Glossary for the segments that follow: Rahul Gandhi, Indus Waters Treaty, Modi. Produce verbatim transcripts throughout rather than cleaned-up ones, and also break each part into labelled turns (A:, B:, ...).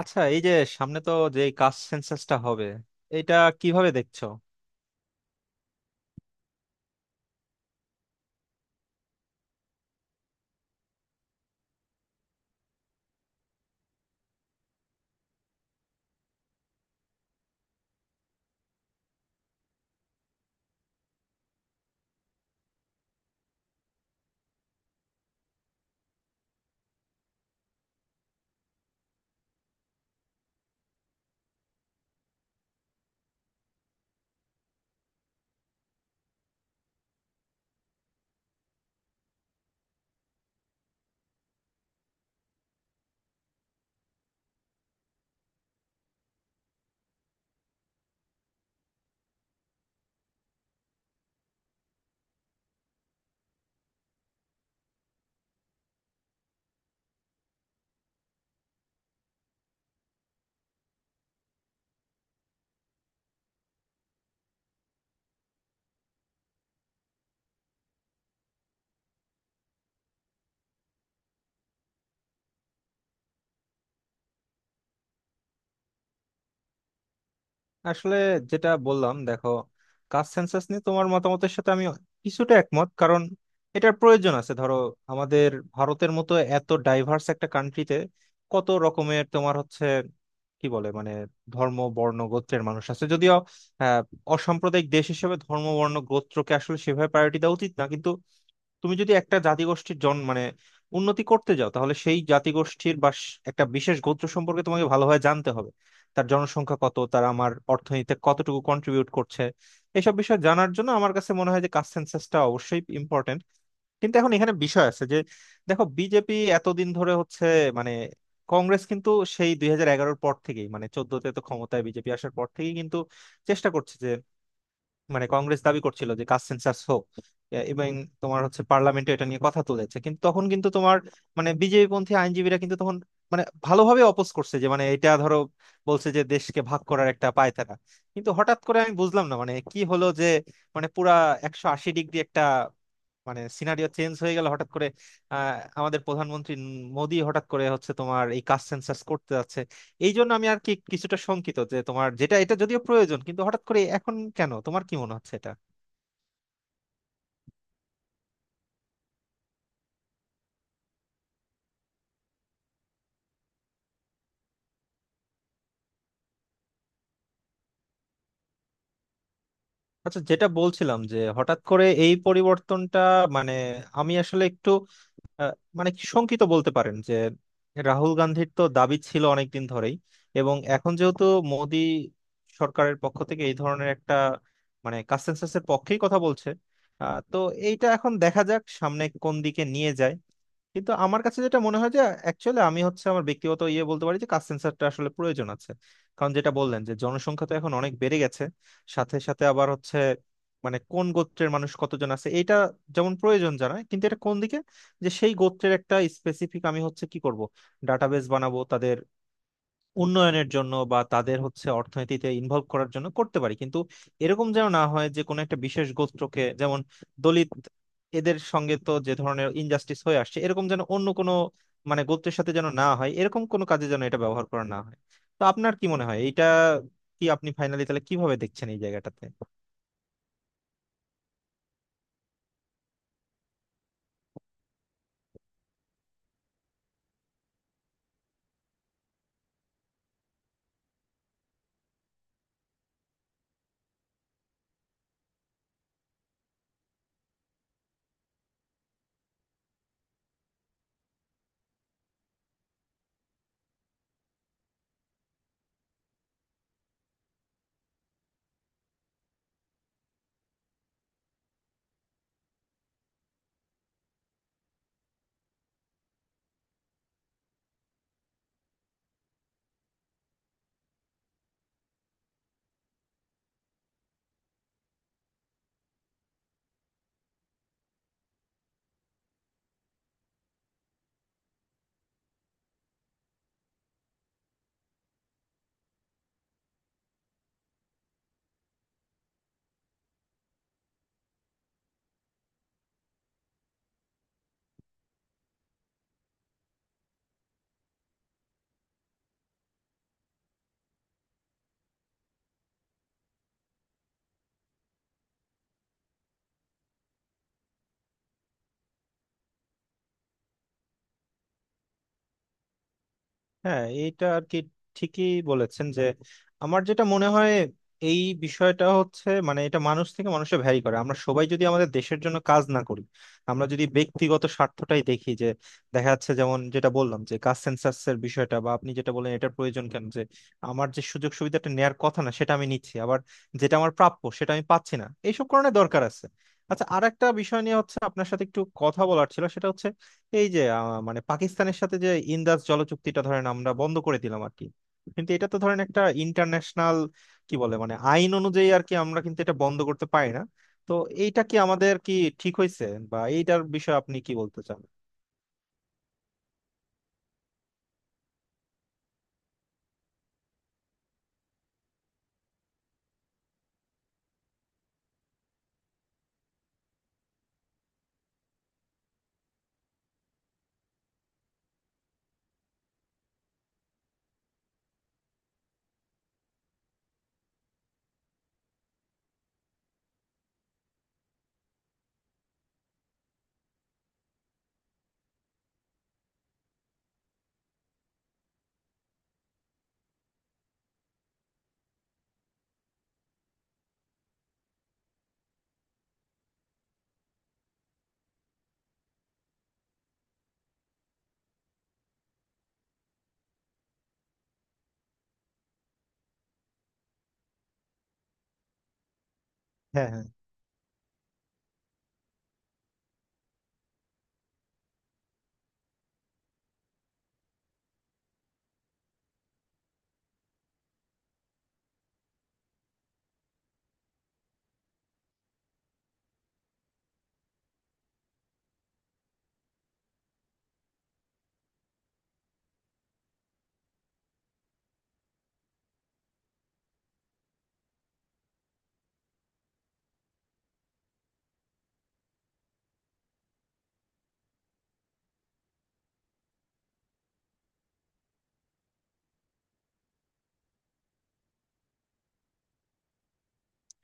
A: আচ্ছা, এই যে সামনে তো যে কাস্ট সেন্সাসটা হবে, এটা কিভাবে দেখছো? আসলে যেটা বললাম দেখো, কাস্ট সেন্সাস নিয়ে তোমার মতামতের সাথে আমি কিছুটা একমত, কারণ এটার প্রয়োজন আছে। ধরো, আমাদের ভারতের মতো এত ডাইভার্স একটা কান্ট্রিতে কত রকমের তোমার হচ্ছে কি বলে মানে ধর্ম বর্ণ গোত্রের মানুষ আছে। যদিও আহ অসাম্প্রদায়িক দেশ হিসেবে ধর্ম বর্ণ গোত্রকে আসলে সেভাবে প্রায়োরিটি দেওয়া উচিত না, কিন্তু তুমি যদি একটা জাতিগোষ্ঠীর জন মানে উন্নতি করতে যাও, তাহলে সেই জাতিগোষ্ঠীর বা স- একটা বিশেষ গোত্র সম্পর্কে তোমাকে ভালোভাবে জানতে হবে। তার জনসংখ্যা কত, তারা আমার অর্থনীতিতে কতটুকু কন্ট্রিবিউট করছে, এসব বিষয় জানার জন্য আমার কাছে মনে হয় যে কাস্ট সেন্সাসটা অবশ্যই ইম্পর্টেন্ট। কিন্তু এখন এখানে বিষয় আছে যে, দেখো বিজেপি এতদিন ধরে হচ্ছে মানে কংগ্রেস কিন্তু সেই দুই হাজার এগারোর পর থেকেই, মানে চোদ্দতে তো ক্ষমতায় বিজেপি আসার পর থেকেই কিন্তু চেষ্টা করছে। মানে কংগ্রেস দাবি করছিল যে কাস্ট সেন্সাস হোক, এ- এবং তোমার হচ্ছে পার্লামেন্টে এটা নিয়ে কথা তুলেছে, কিন্তু তখন কিন্তু তোমার মানে বিজেপি পন্থী আইনজীবীরা কিন্তু তখন মানে ভালোভাবে অপোজ করছে, যে মানে এটা ধরো বলছে যে দেশকে ভাগ করার একটা পায়তারা। কিন্তু হঠাৎ করে আমি বুঝলাম না মানে কি হলো যে মানে পুরা একশো আশি ডিগ্রি একটা মানে সিনারিও চেঞ্জ হয়ে গেল হঠাৎ করে। আহ, আমাদের প্রধানমন্ত্রী মোদী হঠাৎ করে হচ্ছে তোমার এই কাস্ট সেন্সাস করতে যাচ্ছে। এই জন্য আমি আর কি কিছুটা শঙ্কিত যে তোমার যেটা এটা যদিও প্রয়োজন, কিন্তু হঠাৎ করে এখন কেন, তোমার কি মনে হচ্ছে এটা? আচ্ছা, যেটা বলছিলাম যে হঠাৎ করে এই পরিবর্তনটা, মানে আমি আসলে একটু আহ, মানে কি শঙ্কিত বলতে পারেন। যে রাহুল গান্ধীর তো দাবি ছিল অনেকদিন ধরেই, এবং এখন যেহেতু মোদি সরকারের পক্ষ থেকে এই ধরনের একটা মানে কনসেনসাসের পক্ষেই কথা বলছে, আহ, তো এইটা এখন দেখা যাক সামনে কোন দিকে নিয়ে যায়। কিন্তু আমার কাছে যেটা মনে হয় যে অ্যাকচুয়ালি আমি হচ্ছে আমার ব্যক্তিগত ইয়ে বলতে পারি যে কাস্ট সেন্সারটা আসলে প্রয়োজন আছে। কারণ যেটা বললেন, যে জনসংখ্যা তো এখন অনেক বেড়ে গেছে, সাথে সাথে আবার হচ্ছে মানে কোন গোত্রের মানুষ কতজন আছে, এটা যেমন প্রয়োজন জানা। কিন্তু এটা কোন দিকে, যে সেই গোত্রের একটা স্পেসিফিক আমি হচ্ছে কি করব, ডাটাবেস বানাবো তাদের উন্নয়নের জন্য বা তাদের হচ্ছে অর্থনীতিতে ইনভলভ করার জন্য, করতে পারি। কিন্তু এরকম যেন না হয় যে কোনো একটা বিশেষ গোত্রকে, যেমন দলিত, এদের সঙ্গে তো যে ধরনের ইনজাস্টিস হয়ে আসছে, এরকম যেন অন্য কোনো মানে গোত্রের সাথে যেন না হয়, এরকম কোনো কাজে যেন এটা ব্যবহার করা না হয়। তো আপনার কি মনে হয় এটা, কি আপনি ফাইনালি তাহলে কিভাবে দেখছেন এই জায়গাটাতে? হ্যাঁ, এইটা আর কি ঠিকই বলেছেন যে আমার যেটা মনে হয়, এই বিষয়টা হচ্ছে মানে এটা মানুষ থেকে মানুষে ভ্যারি করে। আমরা সবাই যদি আমাদের দেশের জন্য কাজ না করি, আমরা যদি ব্যক্তিগত স্বার্থটাই দেখি, যে দেখা যাচ্ছে যেমন যেটা বললাম যে কাস্ট সেন্সাস এর বিষয়টা বা আপনি যেটা বললেন এটার প্রয়োজন কেন, যে আমার যে সুযোগ সুবিধাটা নেয়ার কথা না সেটা আমি নিচ্ছি, আবার যেটা আমার প্রাপ্য সেটা আমি পাচ্ছি না, এইসব কারণে দরকার আছে। আচ্ছা, আর একটা বিষয় নিয়ে হচ্ছে আপনার সাথে একটু কথা বলার ছিল, সেটা হচ্ছে এই যে আহ, মানে পাকিস্তানের সাথে যে ইন্দাস জলচুক্তিটা ধরেন আমরা বন্ধ করে দিলাম আর কি। কিন্তু এটা তো ধরেন একটা ইন্টারন্যাশনাল কি বলে মানে আইন অনুযায়ী আর কি আমরা কিন্তু এটা বন্ধ করতে পারি না। তো এইটা কি আমাদের কি ঠিক হয়েছে, বা এইটার বিষয়ে আপনি কি বলতে চান? হ্যাঁ, হ্যাঁ।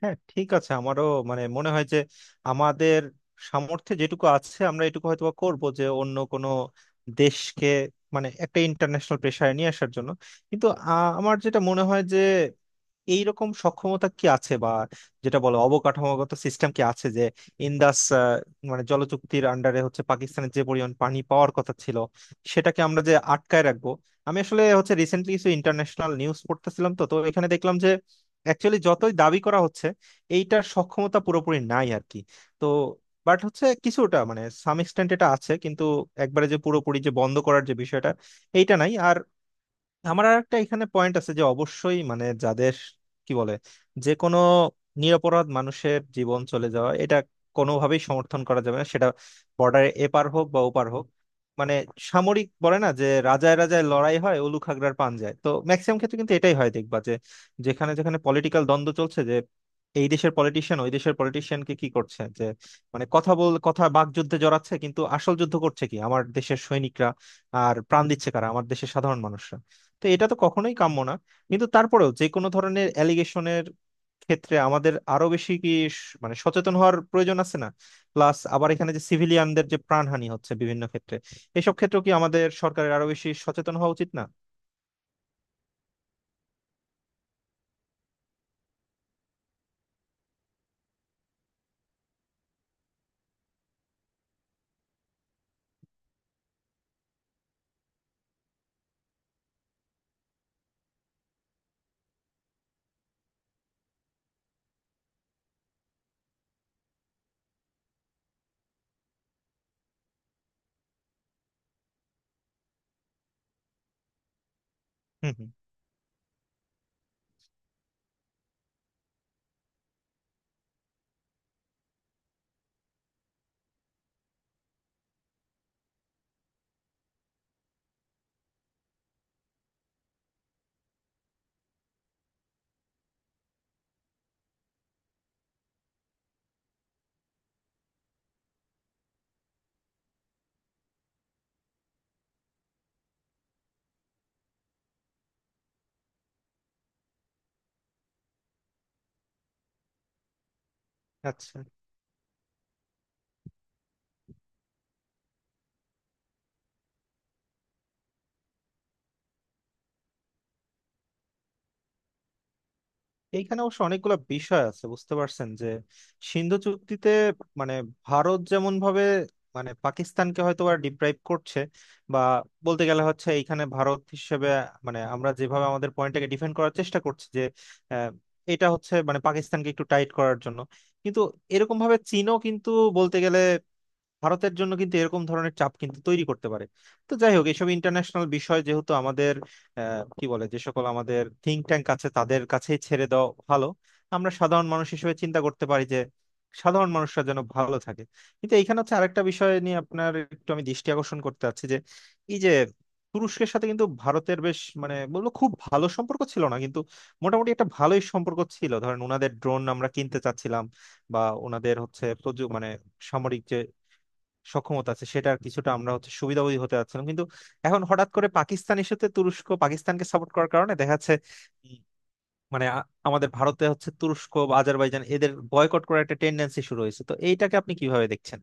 A: হ্যাঁ ঠিক আছে, আমারও মানে মনে হয় যে আমাদের সামর্থ্যে যেটুকু আছে আমরা এটুকু হয়তো করবো, যে অন্য কোনো দেশকে মানে একটা ইন্টারন্যাশনাল প্রেশারে নিয়ে আসার জন্য। কিন্তু আ, আমার যেটা মনে হয় যে এইরকম সক্ষমতা কি আছে, বা যেটা বলে অবকাঠামোগত সিস্টেম কি আছে, যে ইন্দাস আহ, মানে জলচুক্তির আন্ডারে হচ্ছে পাকিস্তানের যে পরিমাণ পানি পাওয়ার কথা ছিল সেটাকে আমরা যে আটকায় রাখবো। আমি আসলে হচ্ছে রিসেন্টলি কিছু ইন্টারন্যাশনাল নিউজ পড়তেছিলাম, তো তো এখানে দেখলাম যে অ্যাকচুয়ালি যতই দাবি করা হচ্ছে, এইটার সক্ষমতা পুরোপুরি নাই আর কি। তো বাট হচ্ছে কিছুটা মানে সাম এক্সটেন্ট এটা আছে, কিন্তু একবারে যে পুরোপুরি যে বন্ধ করার যে বিষয়টা এইটা নাই। আর আমার আর একটা এখানে পয়েন্ট আছে যে অবশ্যই মানে যাদের কি বলে, যে কোনো নিরপরাধ মানুষের জীবন চলে যাওয়া এটা কোনোভাবেই সমর্থন করা যাবে না, সেটা বর্ডারে এপার হোক বা ওপার হোক। মানে সামরিক বলে না যে রাজায় রাজায় লড়াই হয় উলু খাগড়ার পান যায়, তো ম্যাক্সিমাম ক্ষেত্রে কিন্তু এটাই হয় দেখবা, যে যেখানে যেখানে পলিটিক্যাল দ্বন্দ্ব চলছে, যে এই দেশের পলিটিশিয়ান ওই দেশের পলিটিশিয়ানকে কি করছে, যে মানে কথা বল কথা বাকযুদ্ধে জড়াচ্ছে, কিন্তু আসল যুদ্ধ করছে কি আমার দেশের সৈনিকরা, আর প্রাণ দিচ্ছে কারা আমার দেশের সাধারণ মানুষরা। তো এটা তো কখনোই কাম্য না। কিন্তু তারপরেও যে কোনো ধরনের অ্যালিগেশনের ক্ষেত্রে আমাদের আরো বেশি কি স- মানে সচেতন হওয়ার প্রয়োজন আছে না? প্লাস আবার এখানে যে সিভিলিয়ানদের যে প্রাণহানি হচ্ছে বিভিন্ন ক্ষেত্রে, এসব ক্ষেত্রেও কি আমাদের সরকারের আরো বেশি সচেতন হওয়া উচিত না? হুম, হুম। আচ্ছা, এইখানে অবশ্য অনেকগুলো বিষয় আছে বুঝতে পারছেন, যে সিন্ধু চুক্তিতে মানে ভারত যেমন ভাবে মানে পাকিস্তানকে হয়তো বা ডিপ্রাইভ করছে, বা বলতে গেলে হচ্ছে এইখানে ভারত হিসেবে মানে আমরা যেভাবে আমাদের পয়েন্টটাকে ডিফেন্ড করার চেষ্টা করছি যে আহ, এটা হচ্ছে মানে পাকিস্তানকে একটু টাইট করার জন্য। কিন্তু এরকম ভাবে চীনও কিন্তু বলতে গেলে ভারতের জন্য কিন্তু এরকম ধরনের চাপ কিন্তু তৈরি করতে পারে। তো যাই হোক, এইসব ইন্টারন্যাশনাল বিষয় যেহেতু আমাদের আহ, কি বলে যে সকল আমাদের থিঙ্ক ট্যাঙ্ক আছে, তাদের কাছেই ছেড়ে দেওয়া ভালো। আমরা সাধারণ মানুষ হিসেবে চিন্তা করতে পারি যে সাধারণ মানুষরা যেন ভালো থাকে। কিন্তু এইখানে হচ্ছে আরেকটা বিষয় নিয়ে আপনার একটু আমি দৃষ্টি আকর্ষণ করতে চাচ্ছি, যে এই যে তুরস্কের সাথে কিন্তু ভারতের বেশ মানে বলবো খুব ভালো সম্পর্ক ছিল না, কিন্তু মোটামুটি একটা ভালোই সম্পর্ক ছিল। ধরেন ওনাদের ড্রোন আমরা কিনতে চাচ্ছিলাম, বা ওনাদের হচ্ছে প্রযু মানে সামরিক যে সক্ষমতা আছে সেটার কিছুটা আমরা হচ্ছে সুবিধাভোগী হতে যাচ্ছিলাম। কিন্তু এখন হঠাৎ করে পাকিস্তানের সাথে তুরস্ক পাকিস্তানকে সাপোর্ট করার কারণে দেখা যাচ্ছে উম, মানে আ- আমাদের ভারতে হচ্ছে তুরস্ক বা আজারবাইজান এদের বয়কট করার একটা টেন্ডেন্সি শুরু হয়েছে। তো এইটাকে আপনি কিভাবে দেখছেন?